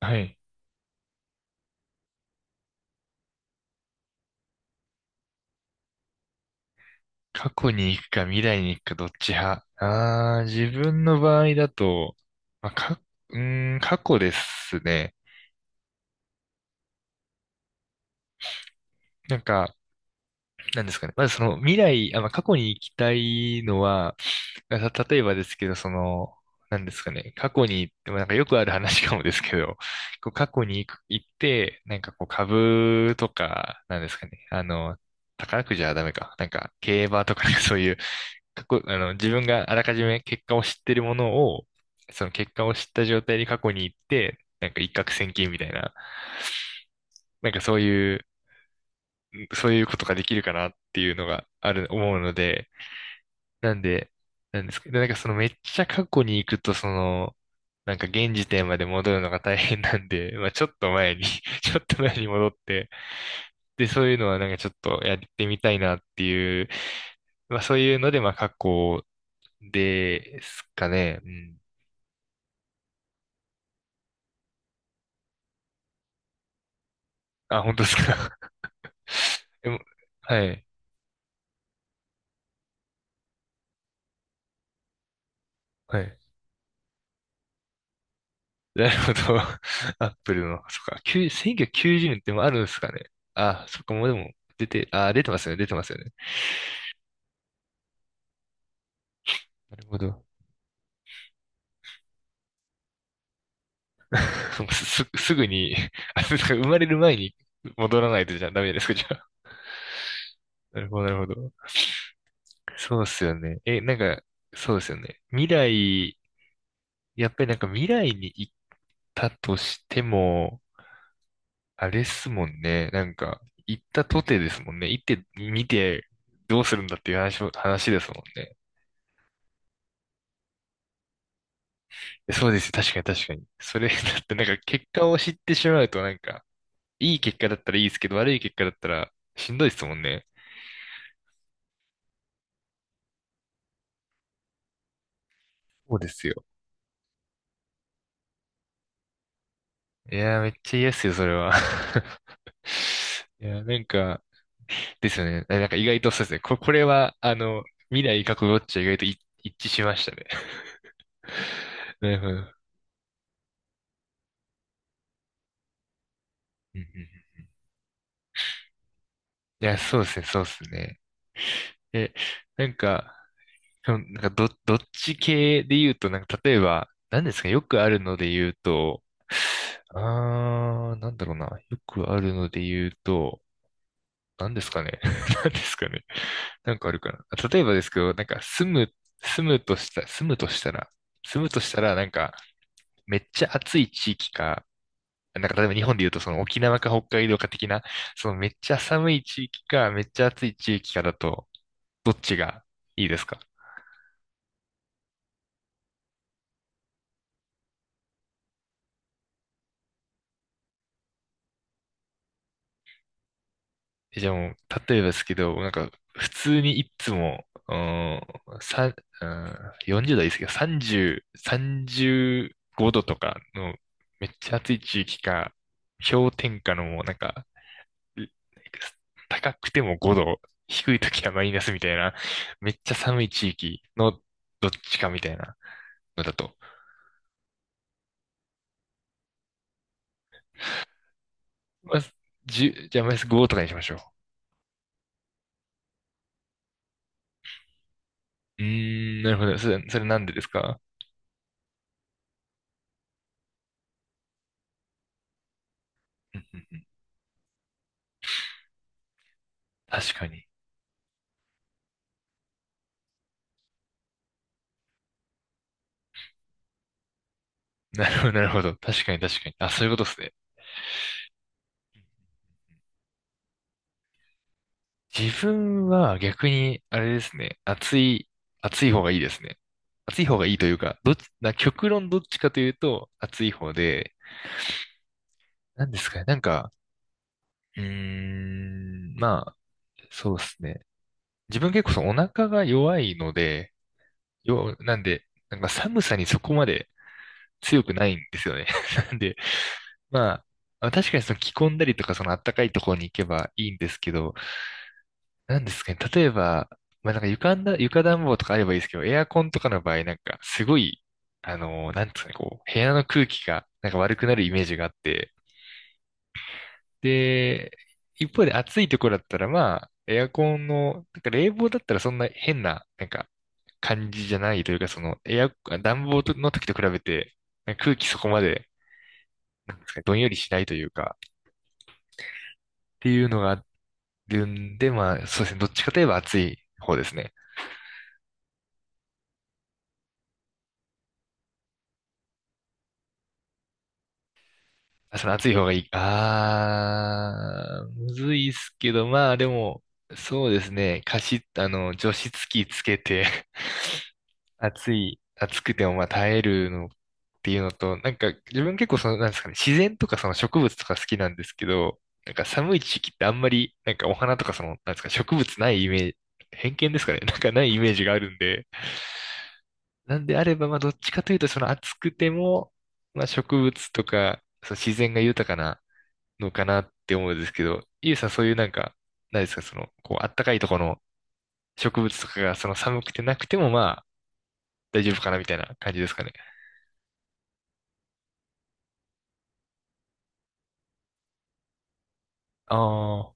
はい。過去に行くか未来に行くかどっち派。ああ、自分の場合だと、まあ、か、過去ですね。なんか、なんですかね。まずその未来、まあ、過去に行きたいのは、例えばですけど、その、なんですかね。過去に行ってもなんかよくある話かもですけど、こう過去に行く、行って、なんかこう株とか、なんですかね。あの、宝くじはダメか。なんか競馬とか、なんかそういう過去、あの、自分があらかじめ結果を知ってるものを、その結果を知った状態に過去に行って、なんか一攫千金みたいな、なんかそういう、そういうことができるかなっていうのがある、思うので、なんで、なんですけど、なんかそのめっちゃ過去に行くと、その、なんか現時点まで戻るのが大変なんで、まあちょっと前に ちょっと前に戻って、で、そういうのはなんかちょっとやってみたいなっていう、まあそういうので、まあ過去ですかね。うん。あ、本当ですか。でも、はい、はい。なるほど。アップルの、そっか、9 1990年ってもあるんですかね。あ、そっか、もうでも、出てますよね、出てますよね。なるほど。すぐに、あ、そうか生まれる前に戻らないとじゃダメですか、じゃあ。なるほど、なるほど。そうっすよね。え、なんか、そうですよね。未来、やっぱりなんか未来に行ったとしても、あれっすもんね。なんか、行ったとてですもんね。行って見てどうするんだっていう話も、話ですもんね。そうです。確かに確かに。それ、だってなんか結果を知ってしまうとなんか、いい結果だったらいいですけど、悪い結果だったらしんどいですもんね。そうですよ。いやー、めっちゃ嫌っすよ、それは。いやー、なんか、ですよね。なんか意外とそうですね。これは、あの、未来過去どっちは意外と一致しましたね。なるほど。うんうんうん。いや、そうですね、そうですね。え、なんか、そのなんかどっち系で言うと、なんか例えば、何ですかね、よくあるので言うと、あー、なんだろうな。よくあるので言うと、何ですかね。何ですかね。なんかあるかな。あ例えばですけど、なんか住むとしたら、住むとしたら、なんか、めっちゃ暑い地域か、なんか例えば日本で言うとその沖縄か北海道か的な、そのめっちゃ寒い地域か、めっちゃ暑い地域かだと、どっちがいいですか？えじゃあもう、例えばですけど、なんか、普通にいつも、うーん、さん、うん、40代はいいですけど、30、35度とかの、めっちゃ暑い地域か、氷点下のもうなんか、う高くても5度、低い時はマイナスみたいな、めっちゃ寒い地域のどっちかみたいなのだと。まあ、1じゃあマイナス5とかにしましょう。うーん、なるほど。それ、それなんでですか？うんうんうん。確かに。なるほど、なるほど。確かに確かに。あ、そういうことですね。自分は逆に、あれですね。暑い方がいいですね。暑い方がいいというか、どっち、な、極論どっちかというと、暑い方で、なんですかね。なんか、うーん、まあ、そうですね。自分結構そのお腹が弱いので、なんで、なんか寒さにそこまで強くないんですよね。なんで、まあ、まあ確かにその着込んだりとか、その暖かいところに行けばいいんですけど、なんですかね。例えば、まあ、なんか床暖房とかあればいいですけど、エアコンとかの場合、なんか、すごい、あのー、なんですかね、こう、部屋の空気が、なんか悪くなるイメージがあって、で、一方で暑いところだったら、まあ、エアコンの、なんか冷房だったらそんな変な、なんか、感じじゃないというか、その、エア、暖房の時と比べて、なんか空気そこまで、なんですかねどんよりしないというか、っていうのがあるんで、まあ、そうですね、どっちかといえば暑い方ですね。あ、その暑い方がいい。あー、むずいっすけど、まあでも、そうですね。加湿、あの、除湿機つけて 暑くてもまあ耐えるのっていうのと、なんか自分結構その、なんですかね、自然とかその植物とか好きなんですけど、なんか寒い時期ってあんまり、なんかお花とかその、なんですか、植物ないイメージ、偏見ですかね、なんかないイメージがあるんで、なんであれば、まあどっちかというとその暑くても、まあ植物とか、その自然が豊かな、のかなって思うんですけど、ゆうさんそういうなんか、何ですか、その、こう、あったかいところの植物とかが、その寒くてなくてもまあ、大丈夫かなみたいな感じですかね。ああ。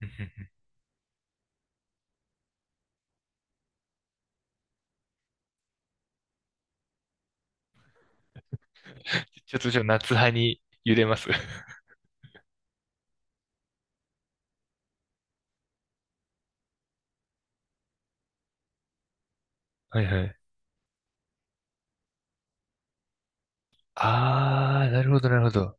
ちょっとちょっと夏派に揺れます。はいはい。ああ、なるほどなるほど。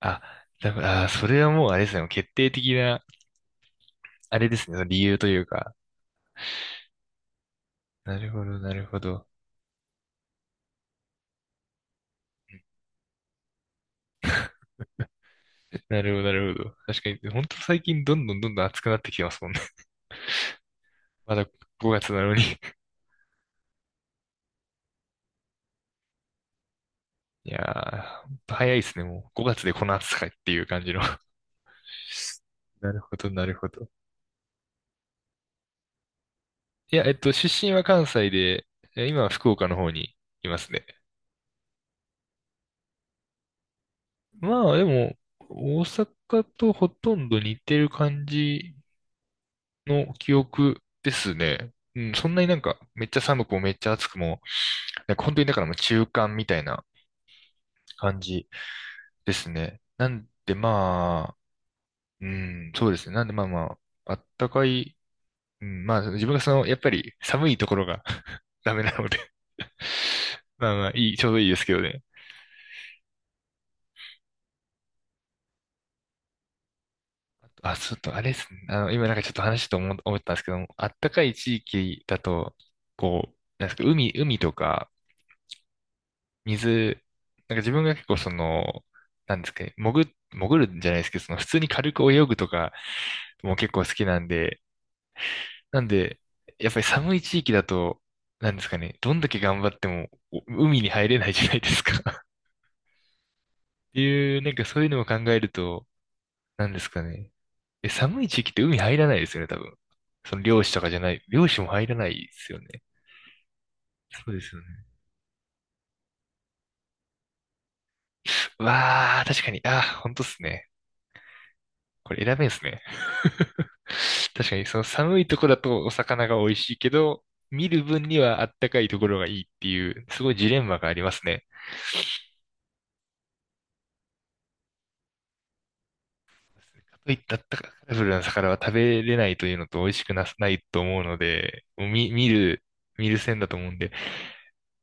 あ、だから、あー、それはもうあれですね、決定的な、あれですね、その理由というか。なるほどなるほど。なるほどなるほど。確かに、本当最近どんどんどんどん暑くなってきてますもんね。まだ5月なのに。いやー、ほんと早いですね。もう5月でこの暑さかっていう感じの。 なるほど、なるほど。いや、えっと、出身は関西で、え今は福岡の方にいますね。まあ、でも、大阪とほとんど似てる感じの記憶ですね。うん、そんなになんか、めっちゃ寒くもめっちゃ暑くも、なんか本当にだからもう中間みたいな感じですね。なんでまあ、うん、そうですね。なんでまあまあ、あったかい。うん、まあ、自分がその、やっぱり寒いところが ダメなので。 まあまあ、ちょうどいいですけどね。あ、ちょっとあれですね。あの、今なんかちょっと話と思ったんですけども、あったかい地域だと、こう、なんですか、海とか、水、なんか自分が結構その、なんですかね、潜るんじゃないですけど、その普通に軽く泳ぐとかも結構好きなんで、なんで、やっぱり寒い地域だと、なんですかね、どんだけ頑張ってもお海に入れないじゃないですか。っていう、なんかそういうのを考えると、なんですかね。え、寒い地域って海入らないですよね、多分。その漁師とかじゃない、漁師も入らないですよね。そうですよね。うわあ、確かに、あー、本当っすね。これ選べんすね。確かに、その寒いとこだとお魚が美味しいけど、見る分にはあったかいところがいいっていう、すごいジレンマがありますね。かといってあったかカラフルな魚は食べれないというのと美味しくな、ないと思うので、もう見る線だと思うんで、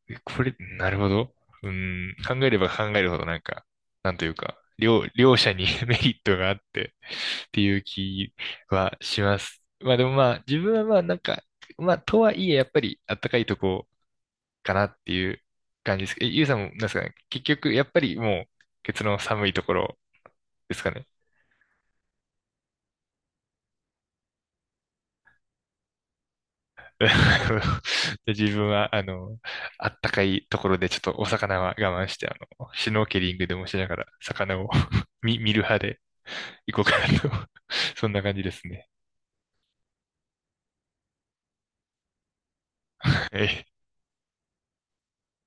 えこれ、なるほど。うん、考えれば考えるほどなんか、なんというか、両者に メリットがあってっていう気はします。まあでもまあ、自分はまあなんか、まあとはいえやっぱりあったかいとこかなっていう感じです。え、ゆうさんもなんですかね、結局やっぱりもう、ケツの寒いところですかね。で自分は、あの、あったかいところでちょっとお魚は我慢して、あの、シュノーケリングでもしながら魚を 見る派で。行こうかなと。そんな感じですね。はい。